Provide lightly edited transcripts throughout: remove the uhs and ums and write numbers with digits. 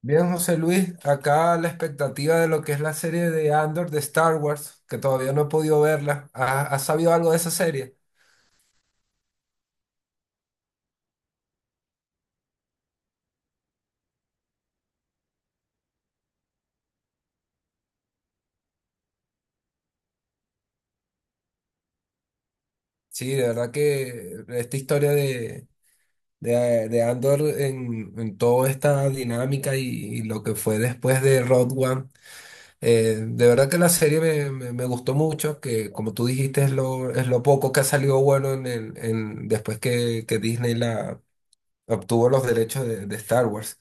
Bien, José Luis, acá la expectativa de lo que es la serie de Andor de Star Wars, que todavía no he podido verla. ¿Has sabido algo de esa serie? Sí, de verdad que esta historia de Andor en toda esta dinámica y lo que fue después de Rogue One, de verdad que la serie me gustó mucho, que como tú dijiste es lo poco que ha salido bueno en el, en, después que Disney la obtuvo los derechos de Star Wars.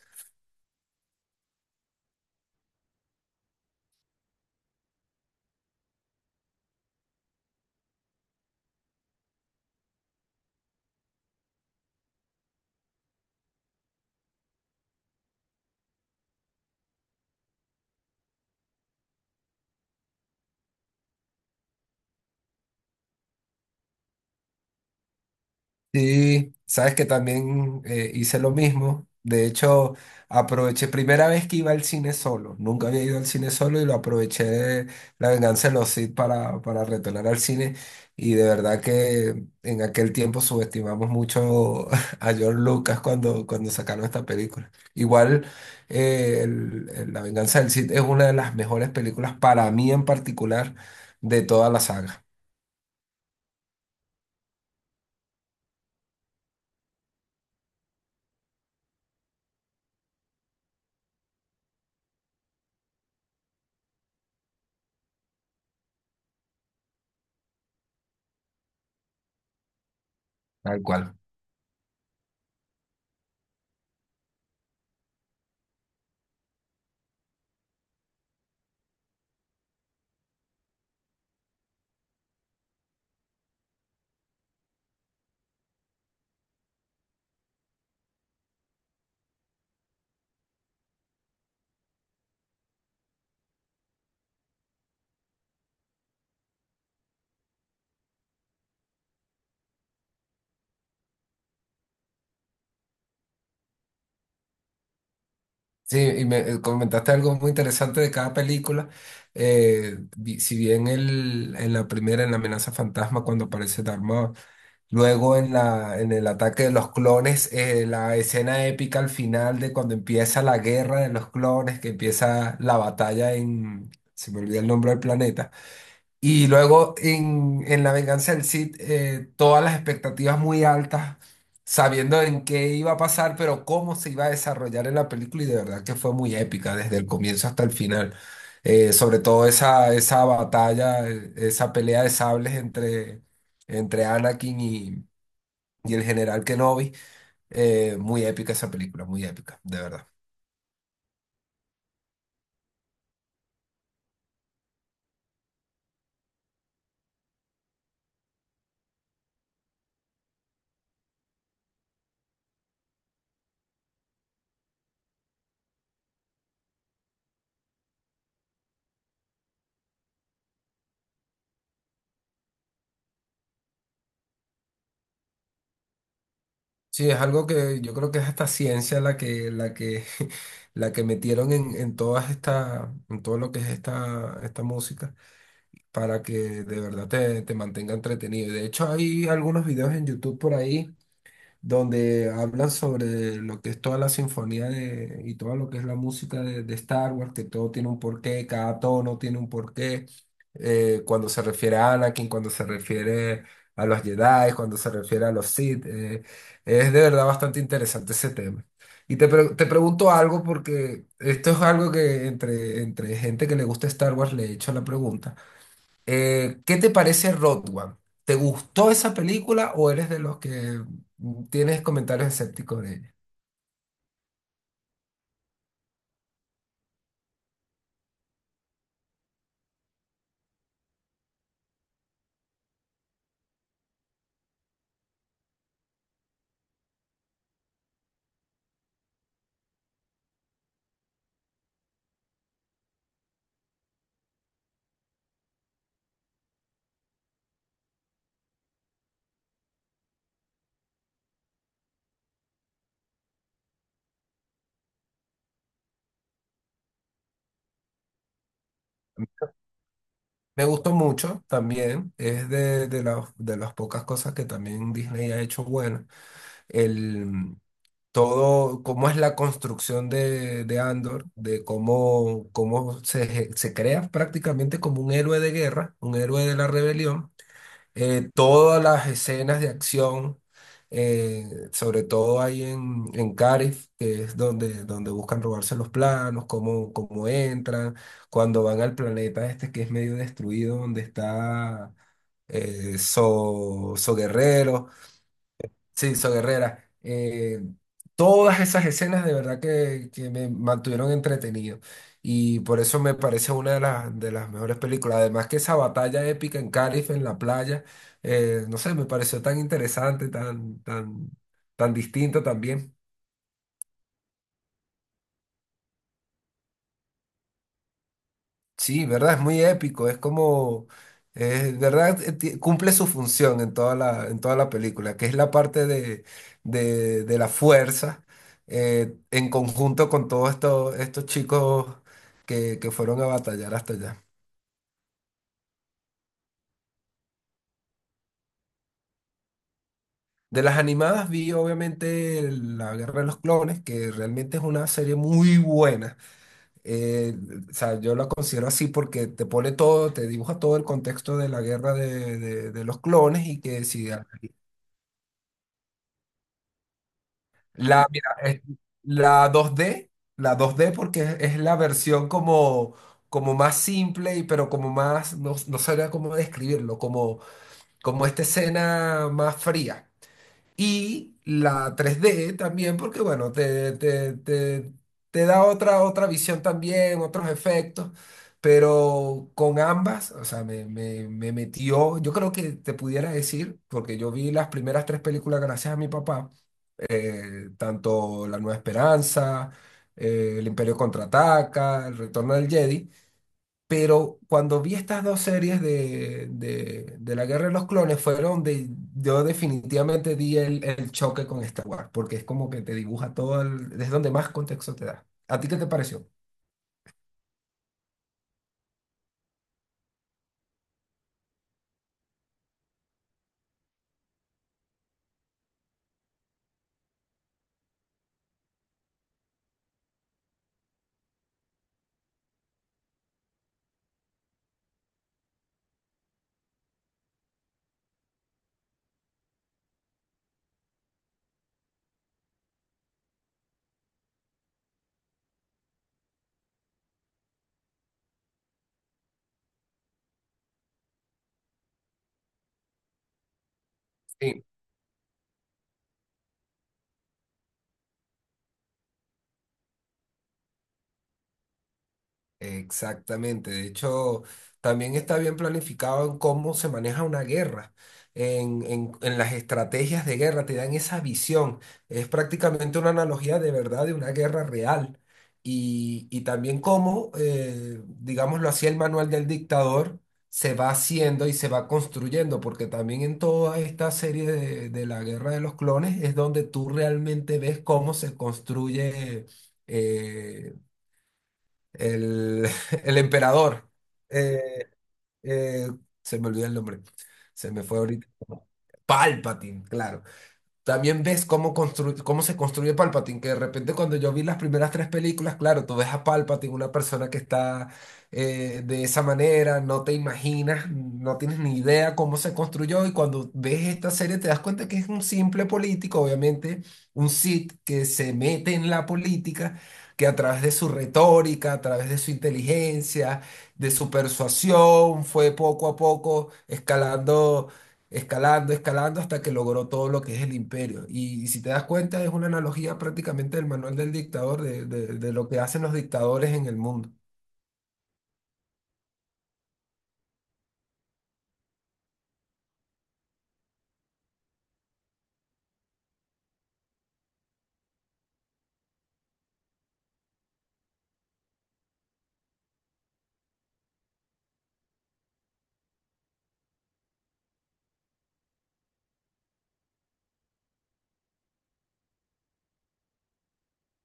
Sí, sabes que también hice lo mismo. De hecho, aproveché, primera vez que iba al cine solo. Nunca había ido al cine solo y lo aproveché La Venganza de los Sith para retornar al cine. Y de verdad que en aquel tiempo subestimamos mucho a George Lucas cuando sacaron esta película. Igual, el La Venganza del Sith es una de las mejores películas para mí en particular de toda la saga. Tal cual. Sí, y me comentaste algo muy interesante de cada película. Si bien el, en la primera, en La amenaza fantasma, cuando aparece Dharma, luego en la, en el ataque de los clones, la escena épica al final de cuando empieza la guerra de los clones, que empieza la batalla en, se me olvida el nombre del planeta. Y luego en La Venganza del Cid, todas las expectativas muy altas, sabiendo en qué iba a pasar, pero cómo se iba a desarrollar en la película, y de verdad que fue muy épica desde el comienzo hasta el final. Sobre todo esa, esa batalla, esa pelea de sables entre Anakin y el general Kenobi, muy épica esa película, muy épica, de verdad. Sí, es algo que yo creo que es hasta ciencia la que metieron en todas esta, en todo lo que es esta, esta música para que de verdad te mantenga entretenido. Y de hecho, hay algunos videos en YouTube por ahí donde hablan sobre lo que es toda la sinfonía de, y todo lo que es la música de Star Wars, que todo tiene un porqué, cada tono tiene un porqué, cuando se refiere a Anakin, cuando se refiere a los Jedi, cuando se refiere a los Sith, es de verdad bastante interesante ese tema. Te pregunto algo porque esto es algo que entre gente que le gusta Star Wars le he hecho la pregunta. ¿Qué te parece Road One? ¿Te gustó esa película o eres de los que tienes comentarios escépticos de ella? Me gustó mucho también, es las- de las pocas cosas que también Disney ha hecho bueno. El, mm, Todo, cómo es la construcción de Andor, de cómo, cómo se crea prácticamente como un héroe de guerra, un héroe de la rebelión, todas las escenas de acción, eh, sobre todo ahí en Carif, que es donde, donde buscan robarse los planos, cómo, cómo entran, cuando van al planeta este que es medio destruido, donde está So Guerrero. Sí, So Guerrera. Todas esas escenas de verdad que me mantuvieron entretenido. Y por eso me parece una de las mejores películas. Además que esa batalla épica en Calif, en la playa, no sé, me pareció tan interesante, tan distinta también. Sí, ¿verdad? Es muy épico, es como, es ¿verdad? Cumple su función en toda la película, que es la parte de la fuerza, en conjunto con todos estos, estos chicos que fueron a batallar hasta allá. De las animadas vi obviamente el- La Guerra de los Clones, que realmente es una serie muy buena. Eh, o sea, yo la considero así porque te pone todo, te dibuja todo el contexto de la guerra de los clones y que si La, mira, es- la 2D, la 2D porque es la versión como, como más simple y pero como más, no, no sabría cómo describirlo, como, como esta escena más fría. Y la 3D también porque, bueno, te da otra, otra visión también, otros efectos, pero con ambas, o sea, me metió, yo creo que te pudiera decir, porque yo vi las primeras tres películas gracias a mi papá, tanto La Nueva Esperanza, El Imperio Contraataca, El Retorno del Jedi. Pero cuando vi estas dos series de la Guerra de los Clones, fueron donde yo definitivamente di el choque con Star Wars, porque es como que te dibuja todo, el- es donde más contexto te da. ¿A ti qué te pareció? Exactamente, de hecho, también está bien planificado en cómo se maneja una guerra, en las estrategias de guerra, te dan esa visión, es prácticamente una analogía de verdad de una guerra real. Y también cómo, digámoslo así, el manual del dictador se va haciendo y se va construyendo, porque también en toda esta serie de la guerra de los clones es donde tú realmente ves cómo se construye. eh, el el emperador. eh, eh, Se me olvidó el nombre. Se me fue ahorita. Palpatine, claro. También ves cómo, cómo se construye Palpatine, que de repente cuando yo vi las primeras tres películas, claro, tú ves a Palpatine, una persona que está, de esa manera, no te imaginas, no tienes ni idea cómo se construyó y cuando ves esta serie te das cuenta que es un simple político, obviamente, un Sith que se mete en la política, que a través de su retórica, a través de su inteligencia, de su persuasión, fue poco a poco escalando, escalando, escalando hasta que logró todo lo que es el imperio. Y, si te das cuenta, es una analogía prácticamente del manual del dictador, de de lo que hacen los dictadores en el mundo.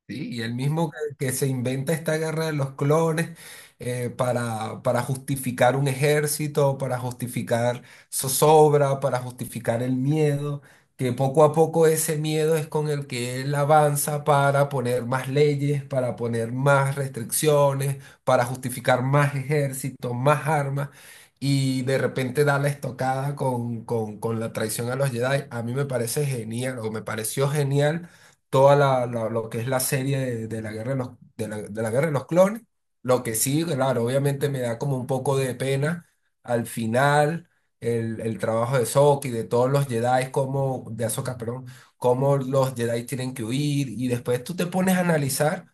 Sí, y el mismo que se inventa esta guerra de los clones, para justificar un ejército, para justificar zozobra, para justificar el miedo, que poco a poco ese miedo es con el que él avanza para poner más leyes, para poner más restricciones, para justificar más ejércitos, más armas, y de repente da la estocada con la traición a los Jedi. A mí me parece genial, o me pareció genial toda lo que es la serie de la guerra de los, de la guerra de los clones. Lo que sí, claro, obviamente me da como un poco de pena al final el trabajo de Soka y de todos los Jedi, como, de Ahsoka, perdón, cómo los Jedi tienen que huir y después tú te pones a analizar,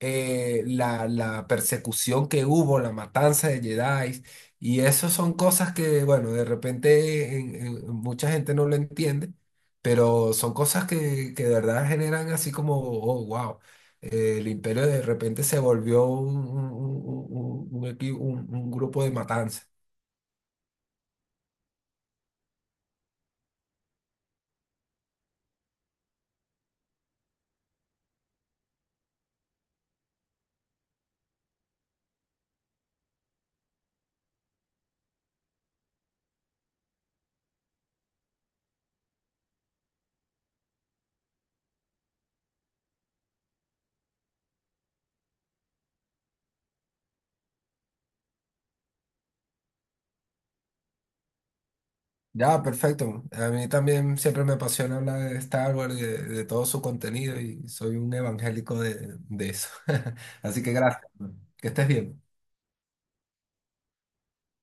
la persecución que hubo, la matanza de Jedi, y eso son cosas que, bueno, de repente mucha gente no lo entiende, pero son cosas que de verdad generan así como, oh, wow, el imperio de repente se volvió un, un grupo de matanza. Ya, perfecto. A mí también siempre me apasiona hablar de Star Wars y de todo su contenido y soy un evangélico de eso. Así que gracias. Que estés bien.